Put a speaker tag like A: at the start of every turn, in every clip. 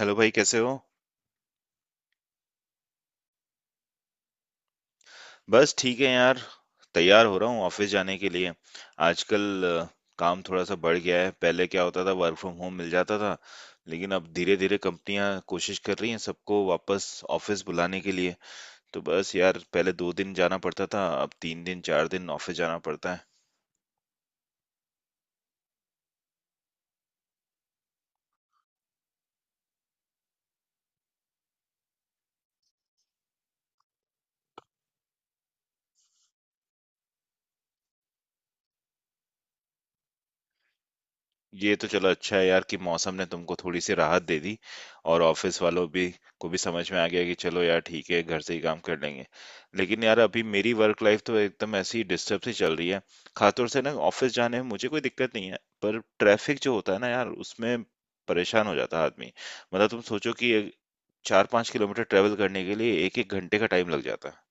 A: Hello भाई कैसे हो? बस ठीक है यार। तैयार हो रहा हूँ ऑफिस जाने के लिए। आजकल काम थोड़ा सा बढ़ गया है। पहले क्या होता था, वर्क फ्रॉम होम मिल जाता था, लेकिन अब धीरे धीरे कंपनियां कोशिश कर रही हैं सबको वापस ऑफिस बुलाने के लिए। तो बस यार पहले 2 दिन जाना पड़ता था, अब 3 दिन 4 दिन ऑफिस जाना पड़ता है। ये तो चलो अच्छा है यार कि मौसम ने तुमको थोड़ी सी राहत दे दी, और ऑफिस वालों भी को भी समझ में आ गया कि चलो यार ठीक है, घर से ही काम कर लेंगे। लेकिन यार अभी मेरी वर्क लाइफ तो एकदम ऐसी डिस्टर्ब सी चल रही है। खासतौर से ना, ऑफिस जाने में मुझे कोई दिक्कत नहीं है, पर ट्रैफिक जो होता है ना यार, उसमें परेशान हो जाता है आदमी। मतलब तुम सोचो कि 4-5 किलोमीटर ट्रेवल करने के लिए एक एक घंटे का टाइम लग जाता है।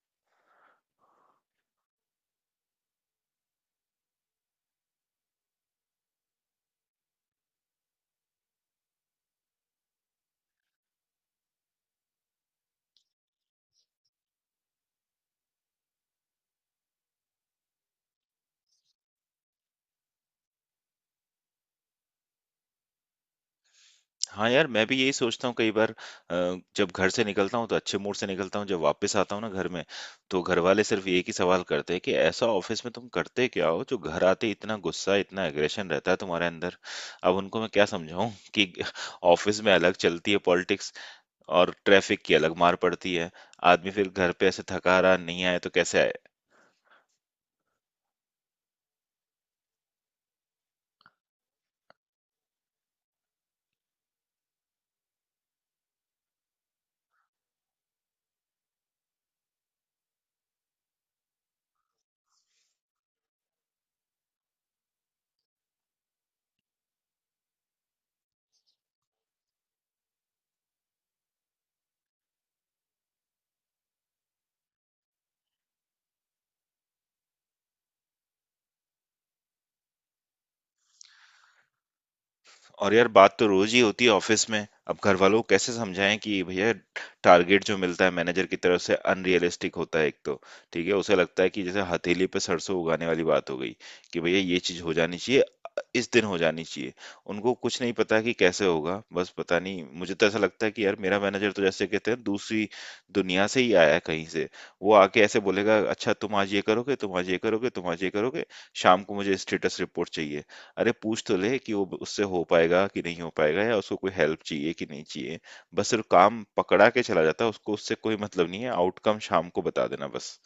A: हाँ यार, मैं भी यही सोचता हूँ कई बार। जब घर से निकलता हूँ तो अच्छे मूड से निकलता हूँ, जब वापस आता हूँ ना घर में, तो घर वाले सिर्फ एक ही सवाल करते हैं कि ऐसा ऑफिस में तुम करते क्या हो जो घर आते इतना गुस्सा, इतना एग्रेशन रहता है तुम्हारे अंदर। अब उनको मैं क्या समझाऊँ कि ऑफिस में अलग चलती है पॉलिटिक्स, और ट्रैफिक की अलग मार पड़ती है। आदमी फिर घर पे ऐसे थका रहा, नहीं आया तो कैसे आए? और यार बात तो रोज ही होती है ऑफिस में। अब घर वालों को कैसे समझाएं कि भैया, टारगेट जो मिलता है मैनेजर की तरफ से अनरियलिस्टिक होता है एक तो। ठीक है, उसे लगता है कि जैसे हथेली पे सरसों उगाने वाली बात हो गई, कि भैया ये चीज हो जानी चाहिए, इस दिन हो जानी चाहिए। उनको कुछ नहीं पता कि कैसे होगा। बस पता नहीं, मुझे तो ऐसा लगता है कि यार मेरा मैनेजर तो जैसे कहते हैं दूसरी दुनिया से ही आया है कहीं से। वो आके ऐसे बोलेगा, अच्छा तुम आज ये करोगे, तुम आज ये करोगे, तुम आज ये करोगे, शाम को मुझे स्टेटस रिपोर्ट चाहिए। अरे पूछ तो ले कि वो उससे हो पाएगा कि नहीं हो पाएगा, या उसको कोई हेल्प चाहिए कि नहीं चाहिए। बस सिर्फ काम पकड़ा के चला जाता है, उसको उससे कोई मतलब नहीं है। आउटकम शाम को बता देना बस।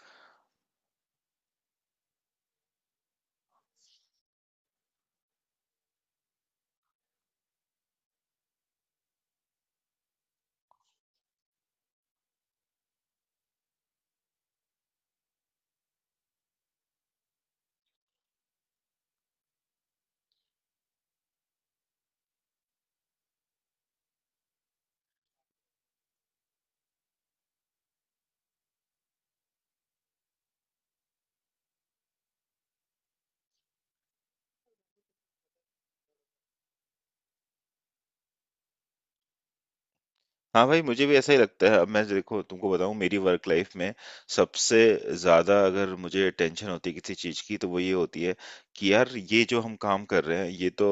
A: हाँ भाई, मुझे भी ऐसा ही लगता है। अब मैं देखो तुमको बताऊँ, मेरी वर्क लाइफ में सबसे ज़्यादा अगर मुझे टेंशन होती है किसी चीज़ की तो वो ये होती है कि यार ये जो हम काम कर रहे हैं ये तो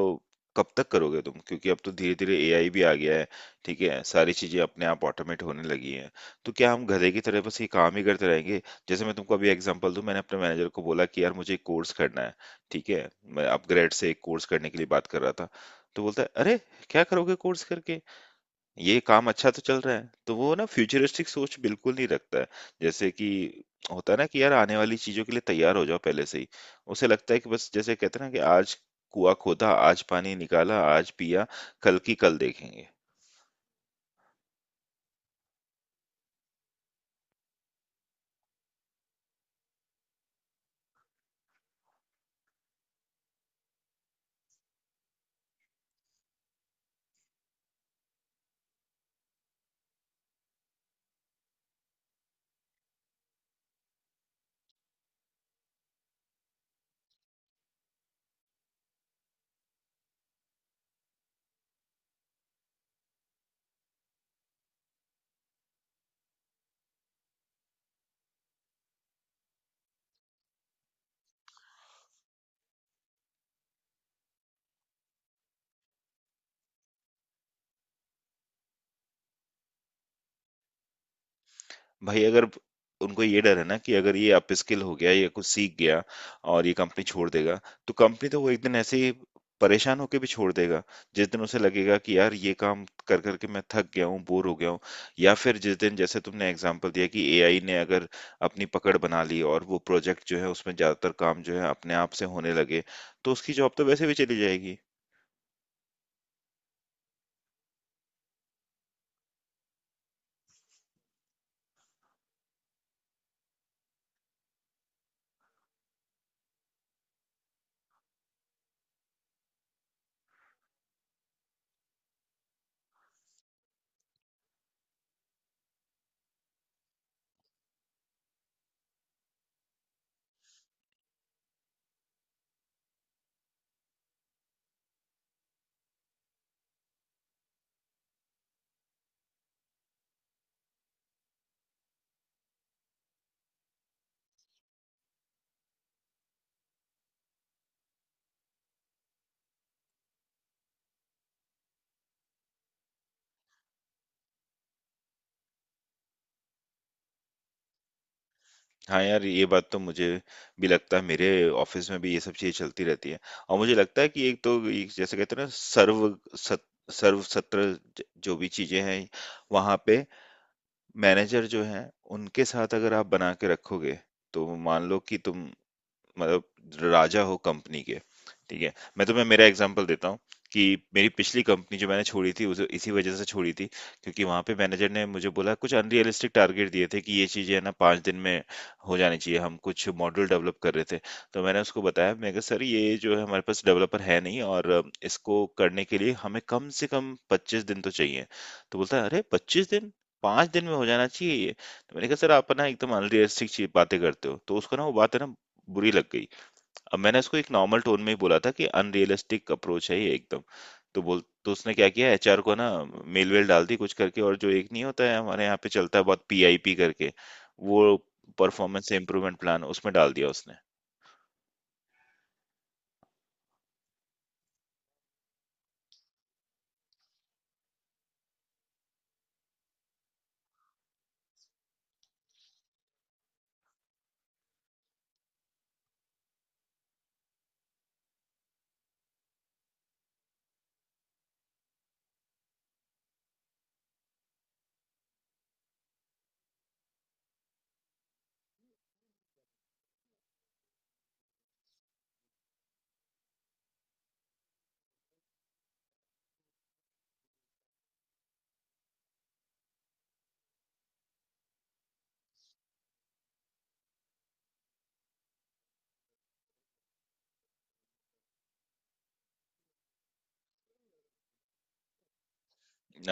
A: कब तक करोगे तुम, क्योंकि अब तो धीरे धीरे एआई भी आ गया है। ठीक है, सारी चीज़ें अपने आप ऑटोमेट होने लगी हैं। तो क्या हम गधे की तरह बस ये काम ही करते रहेंगे? जैसे मैं तुमको अभी एग्जांपल दूं, मैंने अपने मैनेजर को बोला कि यार मुझे एक कोर्स करना है। ठीक है, मैं अपग्रेड से एक कोर्स करने के लिए बात कर रहा था। तो बोलता है, अरे क्या करोगे कोर्स करके, ये काम अच्छा तो चल रहा है। तो वो ना फ्यूचरिस्टिक सोच बिल्कुल नहीं रखता है। जैसे कि होता है ना कि यार आने वाली चीज़ों के लिए तैयार हो जाओ पहले से ही। उसे लगता है कि बस जैसे कहते हैं ना कि आज कुआँ खोदा, आज पानी निकाला, आज पिया, कल की कल देखेंगे। भाई अगर उनको ये डर है ना कि अगर ये अपस्किल हो गया या कुछ सीख गया और ये कंपनी छोड़ देगा, तो कंपनी तो वो एक दिन ऐसे ही परेशान होके भी छोड़ देगा, जिस दिन उसे लगेगा कि यार ये काम कर करके मैं थक गया हूँ, बोर हो गया हूँ। या फिर जिस दिन जैसे तुमने एग्जांपल दिया कि एआई ने अगर अपनी पकड़ बना ली और वो प्रोजेक्ट जो है उसमें ज्यादातर काम जो है अपने आप से होने लगे, तो उसकी जॉब तो वैसे भी चली जाएगी। हाँ यार, ये बात तो मुझे भी लगता है, मेरे ऑफिस में भी ये सब चीज़ें चलती रहती है। और मुझे लगता है कि एक तो ये जैसे कहते हैं ना, सर्व सत सर्व सत्र ज जो भी चीज़ें हैं, वहाँ पे मैनेजर जो हैं, उनके साथ अगर आप बना के रखोगे, तो मान लो कि तुम मतलब राजा हो कंपनी के। ठीक है, मैं तुम्हें मेरा एग्जांपल देता हूँ, कि मेरी पिछली कंपनी जो मैंने छोड़ी थी उसे इसी वजह से छोड़ी थी, क्योंकि वहां पे मैनेजर ने मुझे बोला, कुछ अनरियलिस्टिक टारगेट दिए थे कि ये चीजें है ना 5 दिन में हो जानी चाहिए। हम कुछ मॉडल डेवलप कर रहे थे। तो मैंने उसको बताया, मैं कहा सर ये जो है हमारे पास डेवलपर है नहीं, और इसको करने के लिए हमें कम से कम 25 दिन तो चाहिए। तो बोलता है, अरे 25 दिन, 5 दिन में हो जाना चाहिए ये। तो मैंने कहा, सर आप ना एकदम अनरियलिस्टिक बातें करते हो। तो उसको ना वो बात है ना, बुरी लग गई। अब मैंने उसको एक नॉर्मल टोन में ही बोला था कि अनरियलिस्टिक अप्रोच है ये एकदम। तो बोल, तो उसने क्या किया, एचआर को ना मेल-वेल डाल दी कुछ करके, और जो एक नहीं होता है हमारे यहाँ पे चलता है बहुत, पीआईपी करके, वो परफॉर्मेंस इंप्रूवमेंट प्लान उसमें डाल दिया उसने।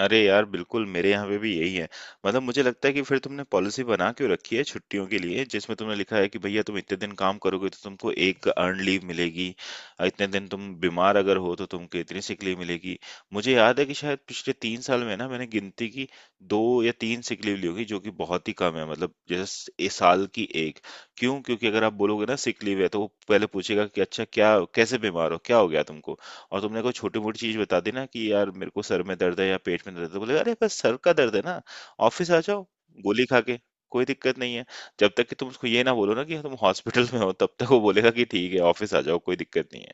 A: अरे यार बिल्कुल, मेरे यहाँ पे भी यही है। मतलब मुझे लगता है कि फिर तुमने पॉलिसी बना क्यों रखी है छुट्टियों के लिए, जिसमें तुमने लिखा है कि भैया तुम इतने दिन काम करोगे तो तुमको एक अर्न लीव मिलेगी, और इतने दिन तुम बीमार अगर हो तो तुमको इतनी सिक लीव मिलेगी। मुझे याद है कि शायद पिछले 3 साल में ना, मैंने गिनती की, 2 या 3 सिक लीव ली होगी, जो कि बहुत ही कम है। मतलब जैसे ए साल की एक। क्यों? क्योंकि अगर आप बोलोगे ना सिक लीव है, तो वो पहले पूछेगा कि अच्छा क्या, कैसे बीमार हो, क्या हो गया तुमको। और तुमने कोई छोटी मोटी चीज बता दी ना कि यार मेरे को सर में दर्द है या पेट में दर्द है, तो बोले, अरे बस सर का दर्द है ना, ऑफिस आ जाओ गोली खा के, कोई दिक्कत नहीं है। जब तक कि तुम उसको ये ना बोलो ना कि तुम हॉस्पिटल में हो, तब तक वो बोलेगा कि ठीक है ऑफिस आ जाओ, कोई दिक्कत नहीं है।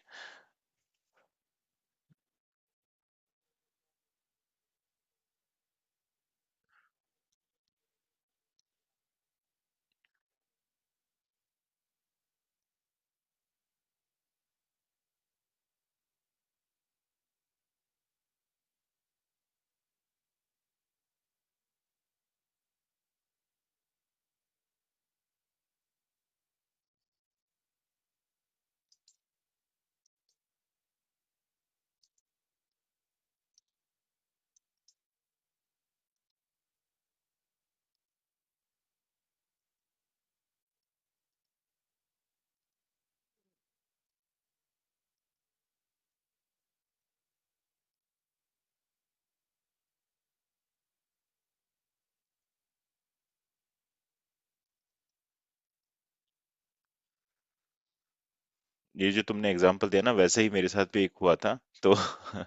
A: ये जो तुमने एग्जाम्पल दिया ना, वैसे ही मेरे साथ भी एक हुआ था तो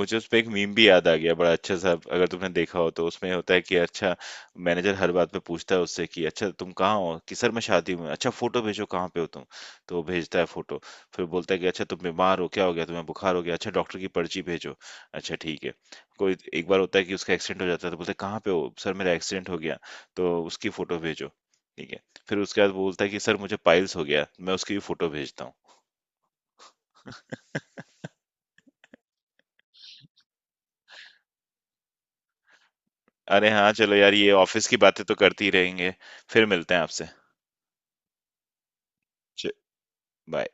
A: मुझे उस पे एक मीम भी याद आ गया बड़ा अच्छा सा। अगर तुमने देखा हो तो, उसमें होता है कि अच्छा मैनेजर हर बात पे पूछता है उससे कि अच्छा तुम कहाँ हो, कि सर मैं शादी में। अच्छा फोटो भेजो, कहाँ पे हो तुम। तो वो भेजता है फोटो। फिर बोलता है कि अच्छा तुम बीमार हो, क्या हो गया, तुम्हें बुखार हो गया, अच्छा डॉक्टर की पर्ची भेजो। अच्छा ठीक है। कोई एक बार होता है कि उसका एक्सीडेंट हो जाता है, तो बोलता है कहाँ पे हो, सर मेरा एक्सीडेंट हो गया, तो उसकी फोटो भेजो। ठीक है। फिर उसके बाद बोलता है कि सर मुझे पाइल्स हो गया, मैं उसकी भी फोटो भेजता हूँ। अरे हाँ, चलो यार ये ऑफिस की बातें तो करते ही रहेंगे। फिर मिलते हैं आपसे। च बाय।